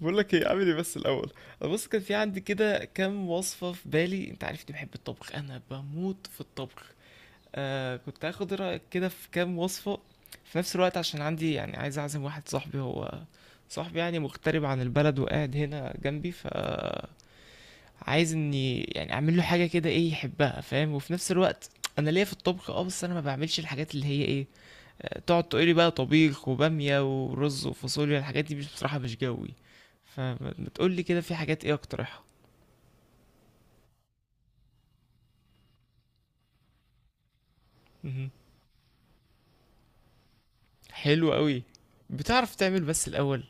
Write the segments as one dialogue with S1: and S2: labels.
S1: بقول لك ايه اعمل ايه بس الاول. بص، كان في عندي كده كام وصفه في بالي، انت عارفني بحب الطبخ، انا بموت في الطبخ. آه، كنت هاخد رايك كده في كام وصفه في نفس الوقت، عشان عندي يعني عايز اعزم واحد صاحبي، هو صاحبي يعني مغترب عن البلد وقاعد هنا جنبي، ف عايز اني يعني اعمل له حاجه كده ايه يحبها، فاهم، وفي نفس الوقت انا ليا في الطبخ اه، بس انا ما بعملش الحاجات اللي هي ايه تقعد تقولي بقى طبيخ وبامية ورز وفاصوليا، الحاجات دي مش بصراحة مش جوي. فما تقولي كده في حاجات ايه اقترحها. مهم. حلو قوي، بتعرف تعمل بس الاول.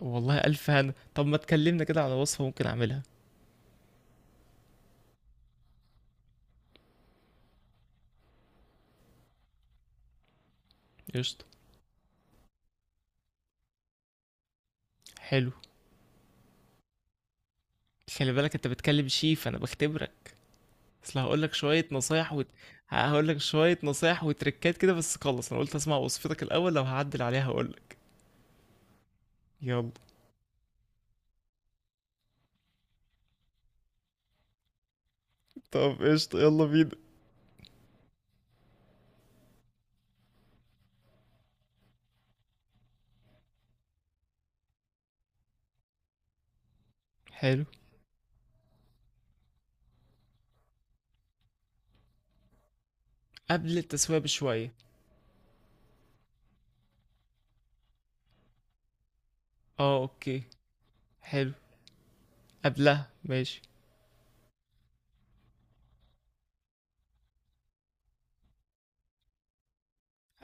S1: والله الف هنا، طب ما تكلمنا كده على وصفة ممكن اعملها. قشطة. حلو. خلي بالك انت بتكلم شيف، انا بختبرك. اصل هقول لك شوية نصايح هقول لك شوية نصايح وتركات كده، بس خلص انا قلت اسمع وصفتك الاول، لو هعدل عليها هقول لك. يلا. طب قشطة، يلا بينا. حلو. قبل التسوية بشوية. آه، أوكي. حلو. قبلها ماشي.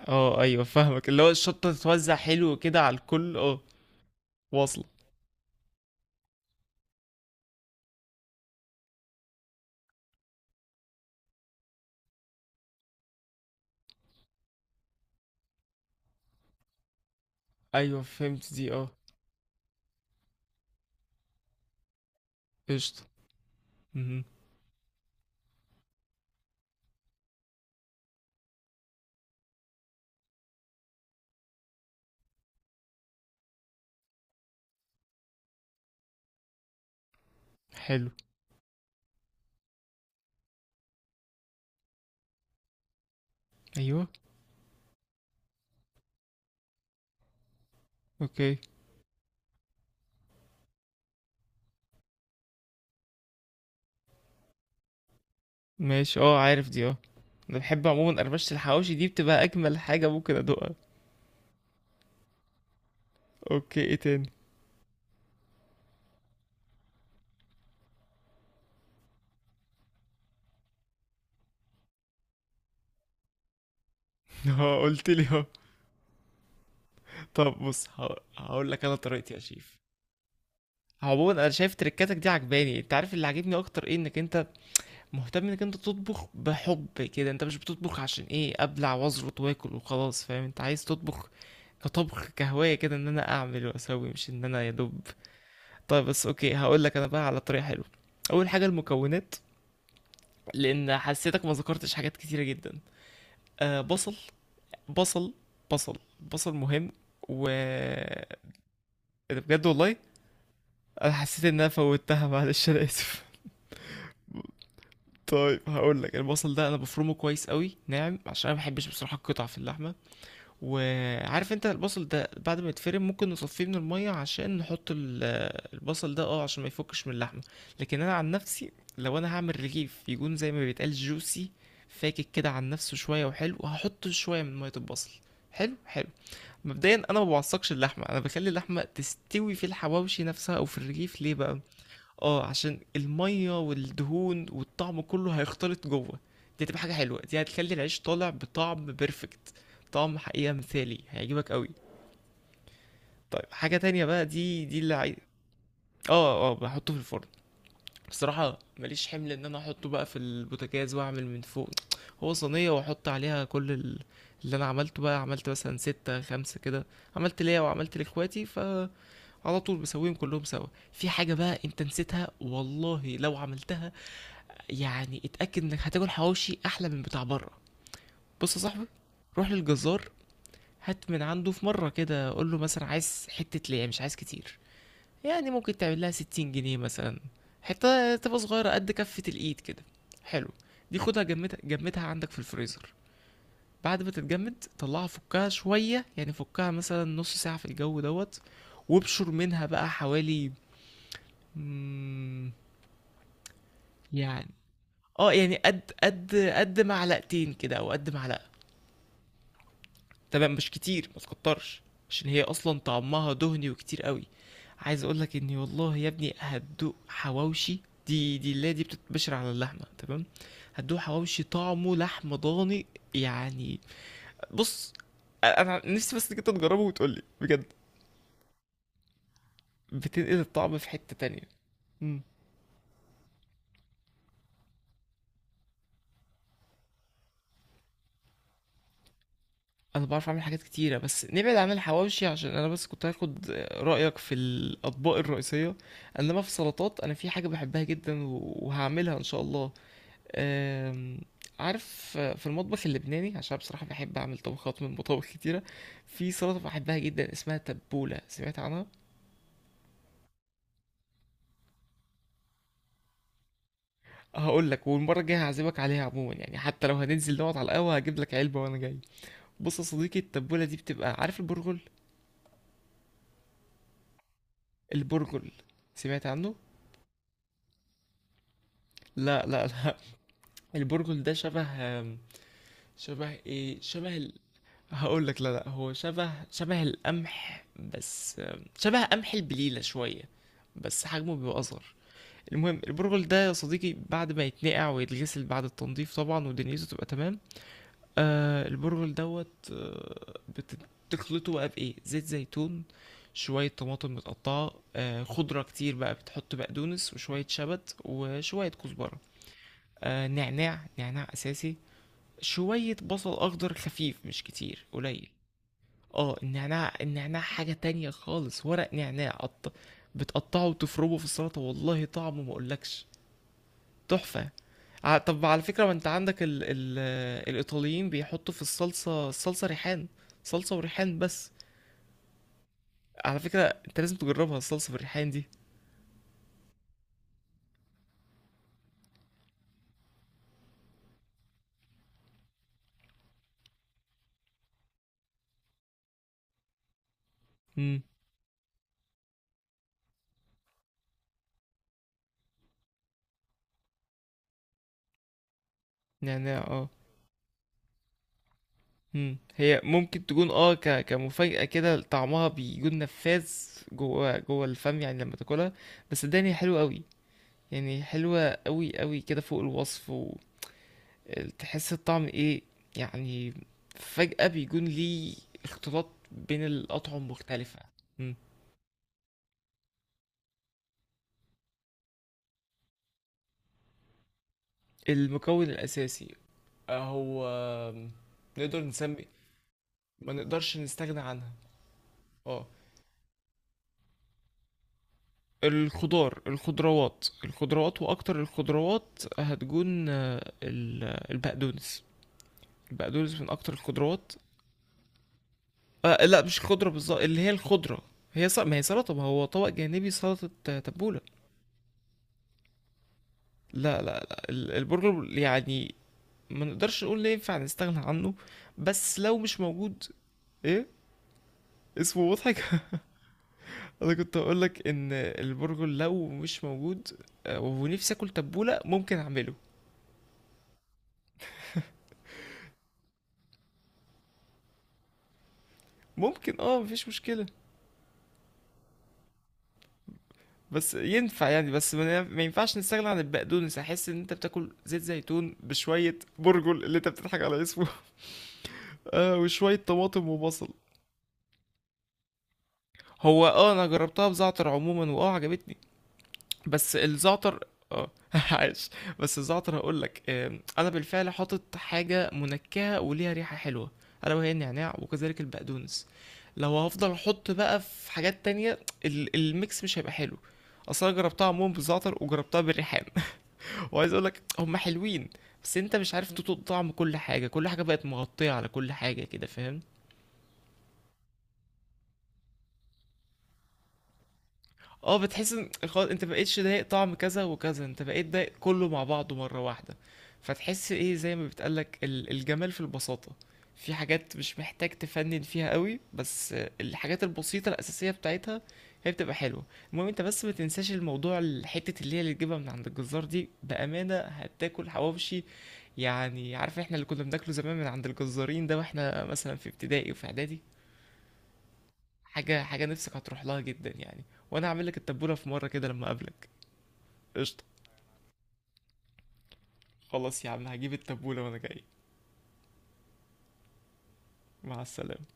S1: آه أيوه فاهمك، اللي هو الشطة تتوزع حلو كده على الكل، آه. واصلة. أيوه فهمت دي، آه. قشطة. مهم. حلو. أيوه. أوكي. ماشي، آه، عارف دي، آه. أنا بحب عموما قرمشة الحواوشي دي بتبقى أجمل حاجة ممكن أدوقها. أوكي، إيه تاني؟ آه، قلت لي آه. طب بص، هقول لك أنا طريقتي يا شيف. عموما انا شايف تريكاتك دي عجباني، انت عارف اللي عاجبني اكتر ايه؟ انك انت مهتم انك انت تطبخ بحب كده، انت مش بتطبخ عشان ايه ابلع واظبط واكل وخلاص، فاهم؟ انت عايز تطبخ كطبخ كهواية كده، ان انا اعمل واسوي، مش ان انا يا دوب. طيب بس اوكي، هقول لك انا بقى على طريقة حلوة. اول حاجة المكونات، لان حسيتك ما ذكرتش حاجات كتيرة جدا. آه، بصل. بصل. بصل. بصل مهم. و إيه. ده بجد والله، انا حسيت ان انا فوتها، معلش انا اسف. طيب هقول لك، البصل ده انا بفرمه كويس قوي ناعم، عشان انا ما بحبش بصراحة القطع في اللحمة. وعارف انت البصل ده بعد ما يتفرم ممكن نصفيه من المية عشان نحط البصل ده اه، عشان ما يفكش من اللحمة. لكن انا عن نفسي لو انا هعمل رغيف يكون زي ما بيتقال جوسي، فاكك كده عن نفسه شوية وحلو، وهحط شوية من مية البصل. حلو حلو. مبدئيا انا ما بعصقش اللحمة، انا بخلي اللحمة تستوي في الحواوشي نفسها او في الرغيف. ليه بقى؟ اه عشان الميه والدهون والطعم كله هيختلط جوه. دي هتبقى حاجه حلوه، دي هتخلي العيش طالع بطعم بيرفكت. طعم حقيقه مثالي هيعجبك قوي. طيب حاجه تانية بقى، دي اللي عايز. اه اه، بحطه في الفرن. بصراحه ماليش حمل ان انا احطه بقى في البوتاجاز واعمل من فوق. هو صينيه واحط عليها كل اللي انا عملته بقى، عملت مثلا ستة خمسة كده، عملت ليا وعملت لاخواتي، فعلى طول بسويهم كلهم سوا. في حاجه بقى انت نسيتها، والله لو عملتها يعني اتأكد انك هتاكل حواوشي احلى من بتاع بره. بص يا صاحبي، روح للجزار، هات من عنده في مرة كده، قول له مثلا عايز حتة ليه مش عايز كتير، يعني ممكن تعمل لها 60 جنيه مثلا، حتة تبقى صغيرة قد كفة الايد كده. حلو. دي خدها جمدها جمدها عندك في الفريزر. بعد ما تتجمد طلعها، فكها شوية، يعني فكها مثلا نص ساعة في الجو دوت. وابشر منها بقى حوالي، مم، يعني، اه يعني قد معلقتين كده او قد معلقة. تمام مش كتير، ما تكترش عشان هي اصلا طعمها دهني وكتير قوي. عايز اقولك اني والله يا ابني هتدوق حواوشي. دي اللي هي دي بتتبشر على اللحمه، تمام. هتدوق حواوشي طعمه لحم ضاني. يعني بص، انا نفسي بس انك انت تجربه وتقولي بجد. بتنقل الطعم في حته تانية. مم. انا بعرف اعمل حاجات كتيره، بس نبعد عن الحواوشي عشان انا بس كنت هاخد رايك في الاطباق الرئيسيه. انما في السلطات، انا في حاجه بحبها جدا وهعملها ان شاء الله. أم، عارف في المطبخ اللبناني، عشان بصراحة بحب أعمل طبخات من مطابخ كتيرة، في سلطة بحبها جدا اسمها تبولة، سمعت عنها؟ هقول لك، والمرة الجاية هعزمك عليها، عموما يعني حتى لو هننزل نقعد على القهوة هجيب لك علبة وأنا جاي. بص يا صديقي، التبولة دي بتبقى، عارف البرغل؟ البرغل، سمعت عنه؟ لا لا لا، البرغل ده شبه آم، شبه ايه؟ شبه ال... هقول لك، لا لا، هو شبه شبه القمح، بس شبه قمح البليلة شوية، بس حجمه بيبقى أصغر. المهم البرغل ده يا صديقي، بعد ما يتنقع ويتغسل بعد التنظيف طبعا ودنيته تبقى تمام، آه البرغل دوت آه بتخلطه بقى بايه، زيت زيتون، شوية طماطم متقطعة، آه خضرة كتير بقى، بتحط بقدونس وشوية شبت وشوية كزبرة، آه نعناع، نعناع أساسي، شوية بصل أخضر خفيف مش كتير، قليل. اه النعناع، النعناع حاجة تانية خالص، ورق نعناع بتقطعه وتفرمه في السلطة، والله طعمه ما أقولكش، تحفة. طب على فكرة، ما انت عندك ال الإيطاليين بيحطوا في الصلصة، الصلصة ريحان، صلصة وريحان بس، على فكرة. انت لازم تجربها الصلصة بالريحان دي. امم نعناع اه. هي ممكن تكون اه ك كمفاجأة كده، طعمها بيكون نفاذ جوه الفم يعني لما تاكلها. بس صدقني هي حلوة قوي، يعني حلوة قوي قوي كده فوق الوصف. وتحس الطعم ايه، يعني فجأة بيكون ليه اختلاط بين الأطعم مختلفة. المكون الأساسي، هو، نقدر نسمي، ما نقدرش نستغنى عنها. اه الخضار، الخضروات، الخضروات، وأكتر الخضروات هتكون البقدونس، البقدونس من أكتر الخضروات. آه لا، مش الخضرة بالظبط، اللي هي الخضرة هي ما هي سلطة، ما هو طبق جانبي سلطة، تبولة. لا لا لا، البرجر يعني، ما نقدرش نقول إن ينفع نستغنى عنه، بس لو مش موجود. ايه اسمه مضحك؟ انا كنت هقول لك ان البرجر لو مش موجود، ونفسي اكل تبولة، ممكن اعمله. ممكن، اه، مفيش مشكلة، بس ينفع يعني، بس ما ينفعش نستغنى عن البقدونس، احس ان انت بتاكل زيت زيتون بشوية برجل اللي انت بتضحك على اسمه. آه، وشوية طماطم وبصل. هو اه، انا جربتها بزعتر عموما واه عجبتني، بس الزعتر، اه عاش. بس الزعتر هقول لك، انا بالفعل حاطط حاجه منكهه وليها ريحه حلوه، الا وهي النعناع وكذلك البقدونس. لو هفضل احط بقى في حاجات تانية الميكس مش هيبقى حلو. اصلا أنا جربتها عموما بالزعتر وجربتها بالريحان، وعايز اقول لك هما حلوين، بس انت مش عارف تطوق طعم كل حاجه، كل حاجه بقت مغطيه على كل حاجه كده، فاهم؟ اه، بتحس ان خلاص انت مبقتش ضايق طعم كذا وكذا، انت بقيت ضايق كله مع بعضه مرة واحدة. فتحس ايه، زي ما بتقالك الجمال في البساطة، في حاجات مش محتاج تفنن فيها قوي، بس الحاجات البسيطة الأساسية بتاعتها هي بتبقى حلوة. المهم انت بس ما تنساش الموضوع، الحتة اللي هي اللي تجيبها من عند الجزار دي بأمانة هتاكل حواوشي، يعني عارف احنا اللي كنا بناكله زمان من عند الجزارين ده، واحنا مثلا في ابتدائي وفي اعدادي، حاجة نفسك هتروح لها جدا يعني. وانا هعمل لك التبولة في مرة كده لما اقابلك. قشطة. خلاص يا عم، هجيب التبولة وانا جاي. مع السلامة.